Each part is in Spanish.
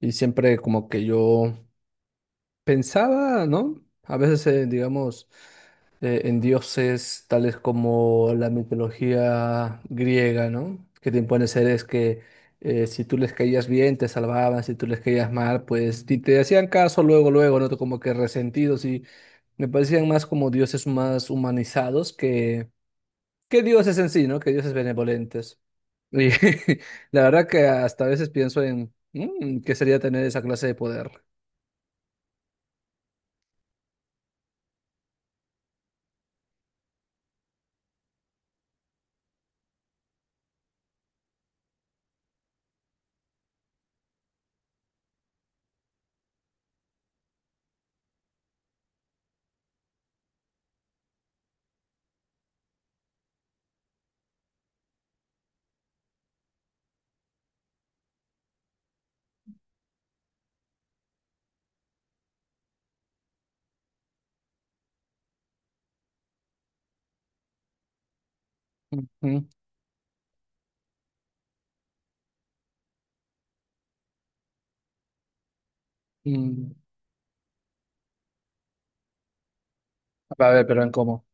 Y siempre como que yo pensaba, ¿no? A veces, digamos, en dioses tales como la mitología griega, ¿no? Que te impone seres que si tú les caías bien, te salvaban, si tú les caías mal, pues ni te hacían caso luego, luego, ¿no? Como que resentidos. Y me parecían más como dioses más humanizados que dioses en sí, ¿no? Que dioses benevolentes. Y la verdad que hasta a veces pienso en qué sería tener esa clase de poder. Ujú. Mm. A ver, pero en cómo.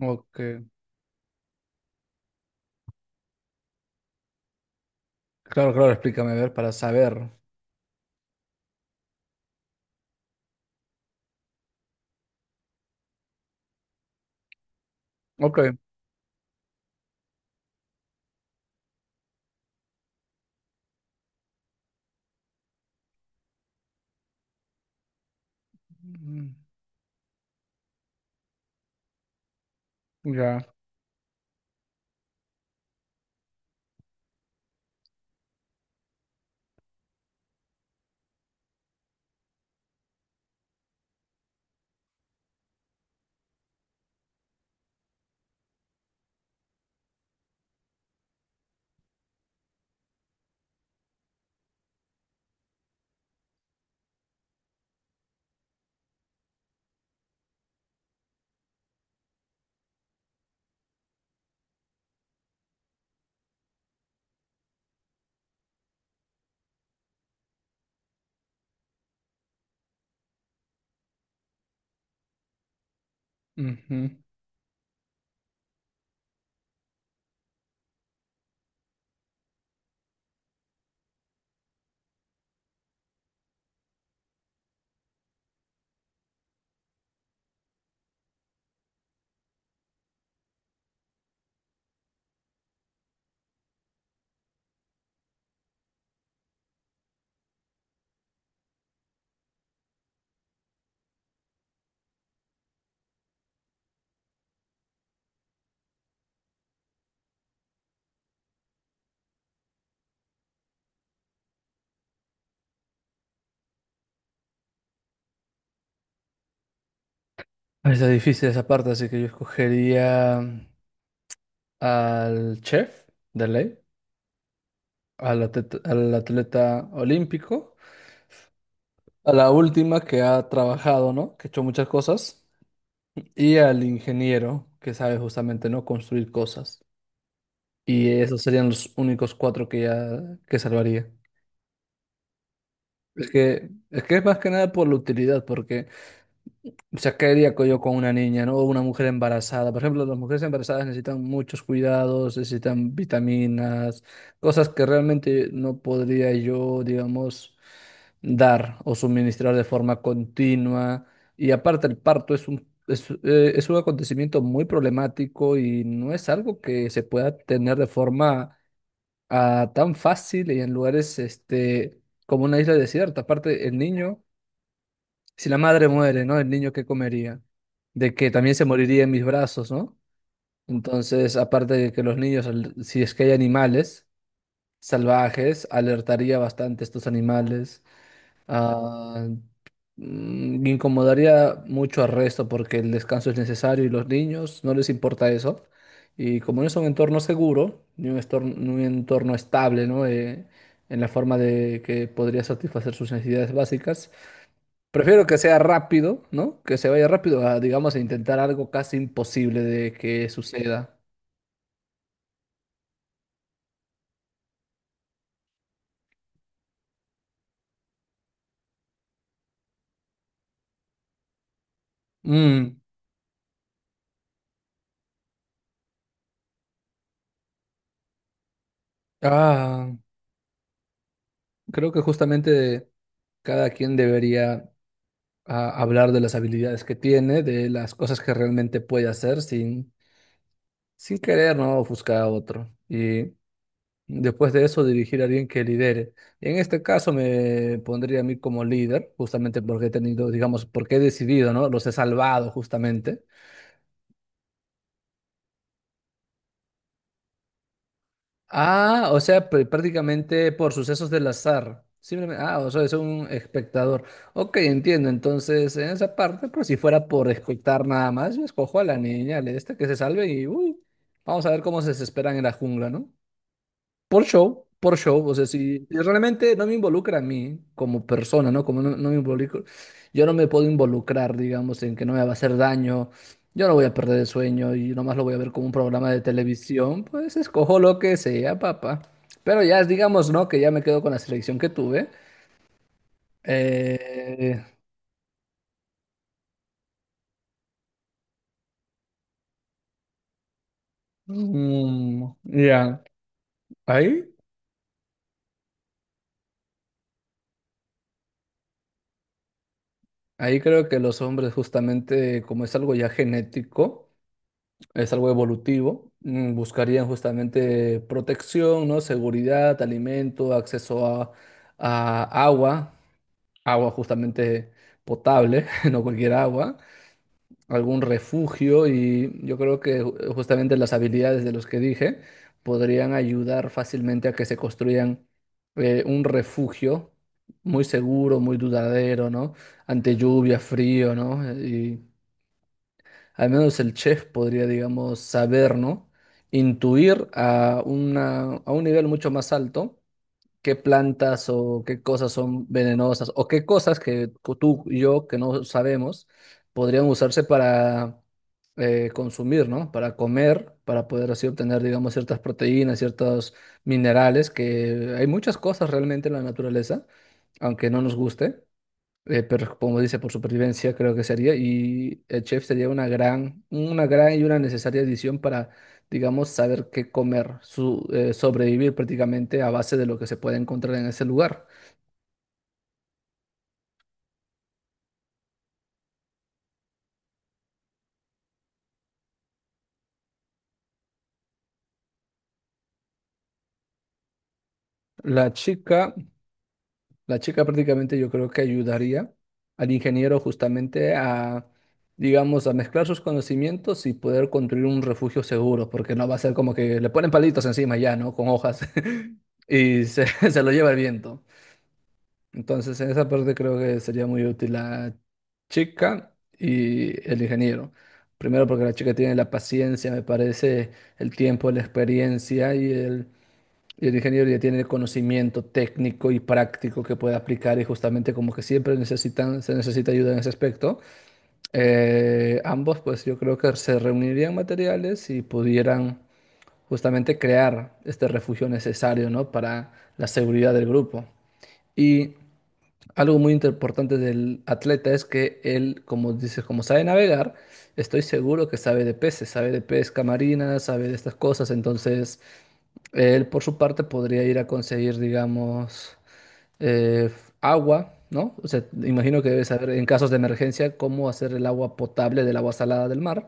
Ok. Claro, claro, explícame, a ver, para saber. Ok. Mm, ya. Ujú. Está difícil esa parte, así que yo escogería al chef de ley, al atleta olímpico, a la última que ha trabajado, ¿no? Que ha hecho muchas cosas, y al ingeniero que sabe justamente, ¿no? Construir cosas. Y esos serían los únicos cuatro que ya que salvaría. Es que es más que nada por la utilidad, porque, o sea, ¿qué haría yo con una niña, ¿no? O una mujer embarazada. Por ejemplo, las mujeres embarazadas necesitan muchos cuidados, necesitan vitaminas, cosas que realmente no podría yo, digamos, dar o suministrar de forma continua. Y aparte, el parto es un acontecimiento muy problemático, y no es algo que se pueda tener de forma ah, tan fácil y en lugares, este, como una isla desierta. Aparte, el niño, si la madre muere, ¿no? ¿El niño qué comería? De que también se moriría en mis brazos, ¿no? Entonces, aparte de que los niños, si es que hay animales salvajes, alertaría bastante a estos animales. Ah, incomodaría mucho al resto, porque el descanso es necesario y los niños no les importa eso. Y como no es un entorno seguro, ni un entorno estable, ¿no? En la forma de que podría satisfacer sus necesidades básicas. Prefiero que sea rápido, ¿no? Que se vaya rápido a, digamos, a intentar algo casi imposible de que suceda. Mm, ah, creo que justamente cada quien debería ah, hablar de las habilidades que tiene, de las cosas que realmente puede hacer sin querer, ¿no? Ofuscar a otro. Y después de eso, dirigir a alguien que lidere. En este caso me pondría a mí como líder, justamente porque he tenido, digamos, porque he decidido, ¿no? Los he salvado justamente. Ah, o sea, prácticamente por sucesos del azar. Simplemente, ah, o sea, es un espectador. Ok, entiendo. Entonces, en esa parte, pues si fuera por espectar nada más, yo escojo a la niña, le esta que se salve y uy, vamos a ver cómo se desesperan en la jungla, ¿no? Por show, o sea, si realmente no me involucra a mí como persona, ¿no? Como no, no me involucro, yo no me puedo involucrar, digamos, en que no me va a hacer daño, yo no voy a perder el sueño y nomás lo voy a ver como un programa de televisión, pues escojo lo que sea, papá. Pero ya, digamos, ¿no? Que ya me quedo con la selección que tuve. Eh, ya, Ahí, ahí creo que los hombres, justamente, como es algo ya genético, es algo evolutivo. Buscarían justamente protección, ¿no? Seguridad, alimento, acceso a agua, agua justamente potable, no cualquier agua, algún refugio. Y yo creo que justamente las habilidades de los que dije podrían ayudar fácilmente a que se construyan un refugio muy seguro, muy duradero, ¿no? Ante lluvia, frío, ¿no? Al menos el chef podría, digamos, saber, ¿no? Intuir a una, a un nivel mucho más alto qué plantas o qué cosas son venenosas, o qué cosas que tú y yo que no sabemos podrían usarse para consumir, ¿no? Para comer, para poder así obtener, digamos, ciertas proteínas, ciertos minerales, que hay muchas cosas realmente en la naturaleza, aunque no nos guste. Pero como dice, por supervivencia creo que sería, y el chef sería una gran y una necesaria adición para, digamos, saber qué comer, sobrevivir prácticamente a base de lo que se puede encontrar en ese lugar. La chica, la chica prácticamente yo creo que ayudaría al ingeniero, justamente a, digamos, a mezclar sus conocimientos y poder construir un refugio seguro, porque no va a ser como que le ponen palitos encima ya, ¿no? Con hojas y se, se lo lleva el viento. Entonces, en esa parte creo que sería muy útil la chica y el ingeniero. Primero, porque la chica tiene la paciencia, me parece, el tiempo, la experiencia, y el ingeniero ya tiene el conocimiento técnico y práctico que puede aplicar, y justamente como que siempre necesitan, se necesita ayuda en ese aspecto. Ambos, pues yo creo que se reunirían materiales y pudieran justamente crear este refugio necesario, ¿no? Para la seguridad del grupo. Y algo muy importante del atleta es que él, como dices, como sabe navegar, estoy seguro que sabe de peces, sabe de pesca marina, sabe de estas cosas. Entonces, él por su parte podría ir a conseguir, digamos, eh, agua, ¿no? O sea, imagino que debe saber en casos de emergencia cómo hacer el agua potable del agua salada del mar,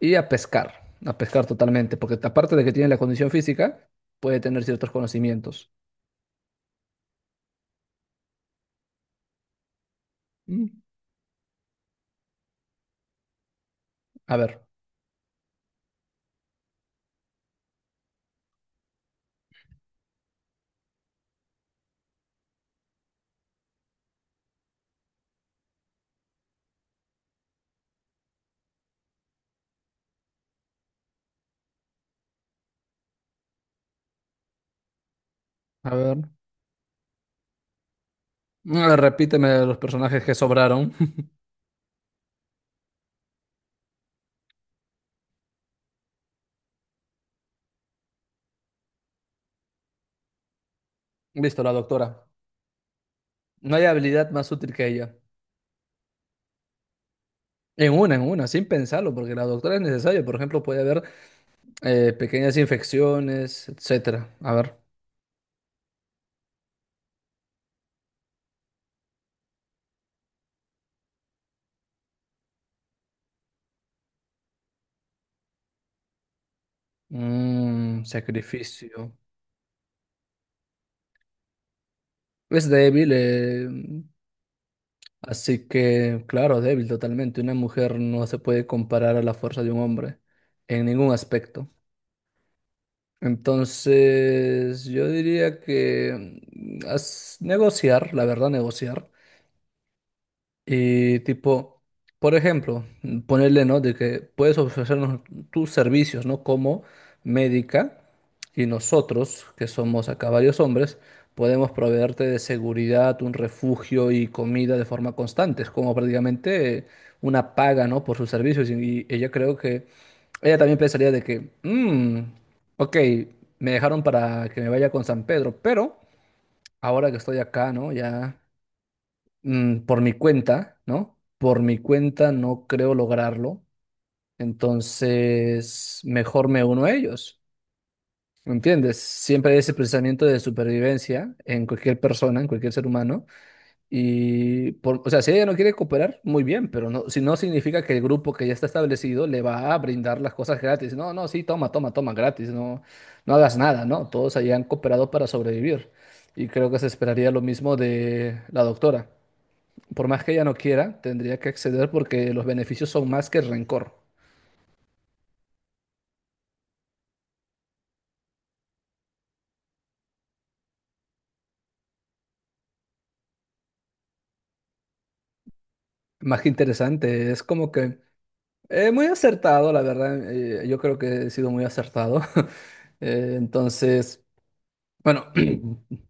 y a pescar, totalmente, porque aparte de que tiene la condición física, puede tener ciertos conocimientos. Mm, a ver. A ver. Ah, repíteme los personajes que sobraron. Listo, la doctora. No hay habilidad más útil que ella. En una, sin pensarlo, porque la doctora es necesaria. Por ejemplo, puede haber pequeñas infecciones, etcétera. A ver. Sacrificio. Es débil, así que, claro, débil totalmente. Una mujer no se puede comparar a la fuerza de un hombre en ningún aspecto. Entonces, yo diría que negociar, la verdad, negociar. Y tipo, por ejemplo, ponerle, ¿no? De que puedes ofrecernos tus servicios, ¿no? Como médica, y nosotros, que somos acá varios hombres, podemos proveerte de seguridad, un refugio y comida de forma constante. Es como prácticamente una paga, ¿no? Por sus servicios. Y ella, creo que, ella también pensaría de que: "Mm, ok, me dejaron para que me vaya con San Pedro, pero ahora que estoy acá, ¿no? Ya, por mi cuenta, ¿no? Por mi cuenta no creo lograrlo, entonces mejor me uno a ellos". ¿Me entiendes? Siempre hay ese pensamiento de supervivencia en cualquier persona, en cualquier ser humano, y por, o sea, si ella no quiere cooperar, muy bien, pero no, si no significa que el grupo que ya está establecido le va a brindar las cosas gratis, no, no, sí, toma, toma, toma, gratis, no, no hagas nada, ¿no? Todos hayan cooperado para sobrevivir, y creo que se esperaría lo mismo de la doctora; por más que ella no quiera, tendría que acceder porque los beneficios son más que el rencor. Más que interesante, es como que muy acertado, la verdad. Yo creo que he sido muy acertado. Entonces, bueno,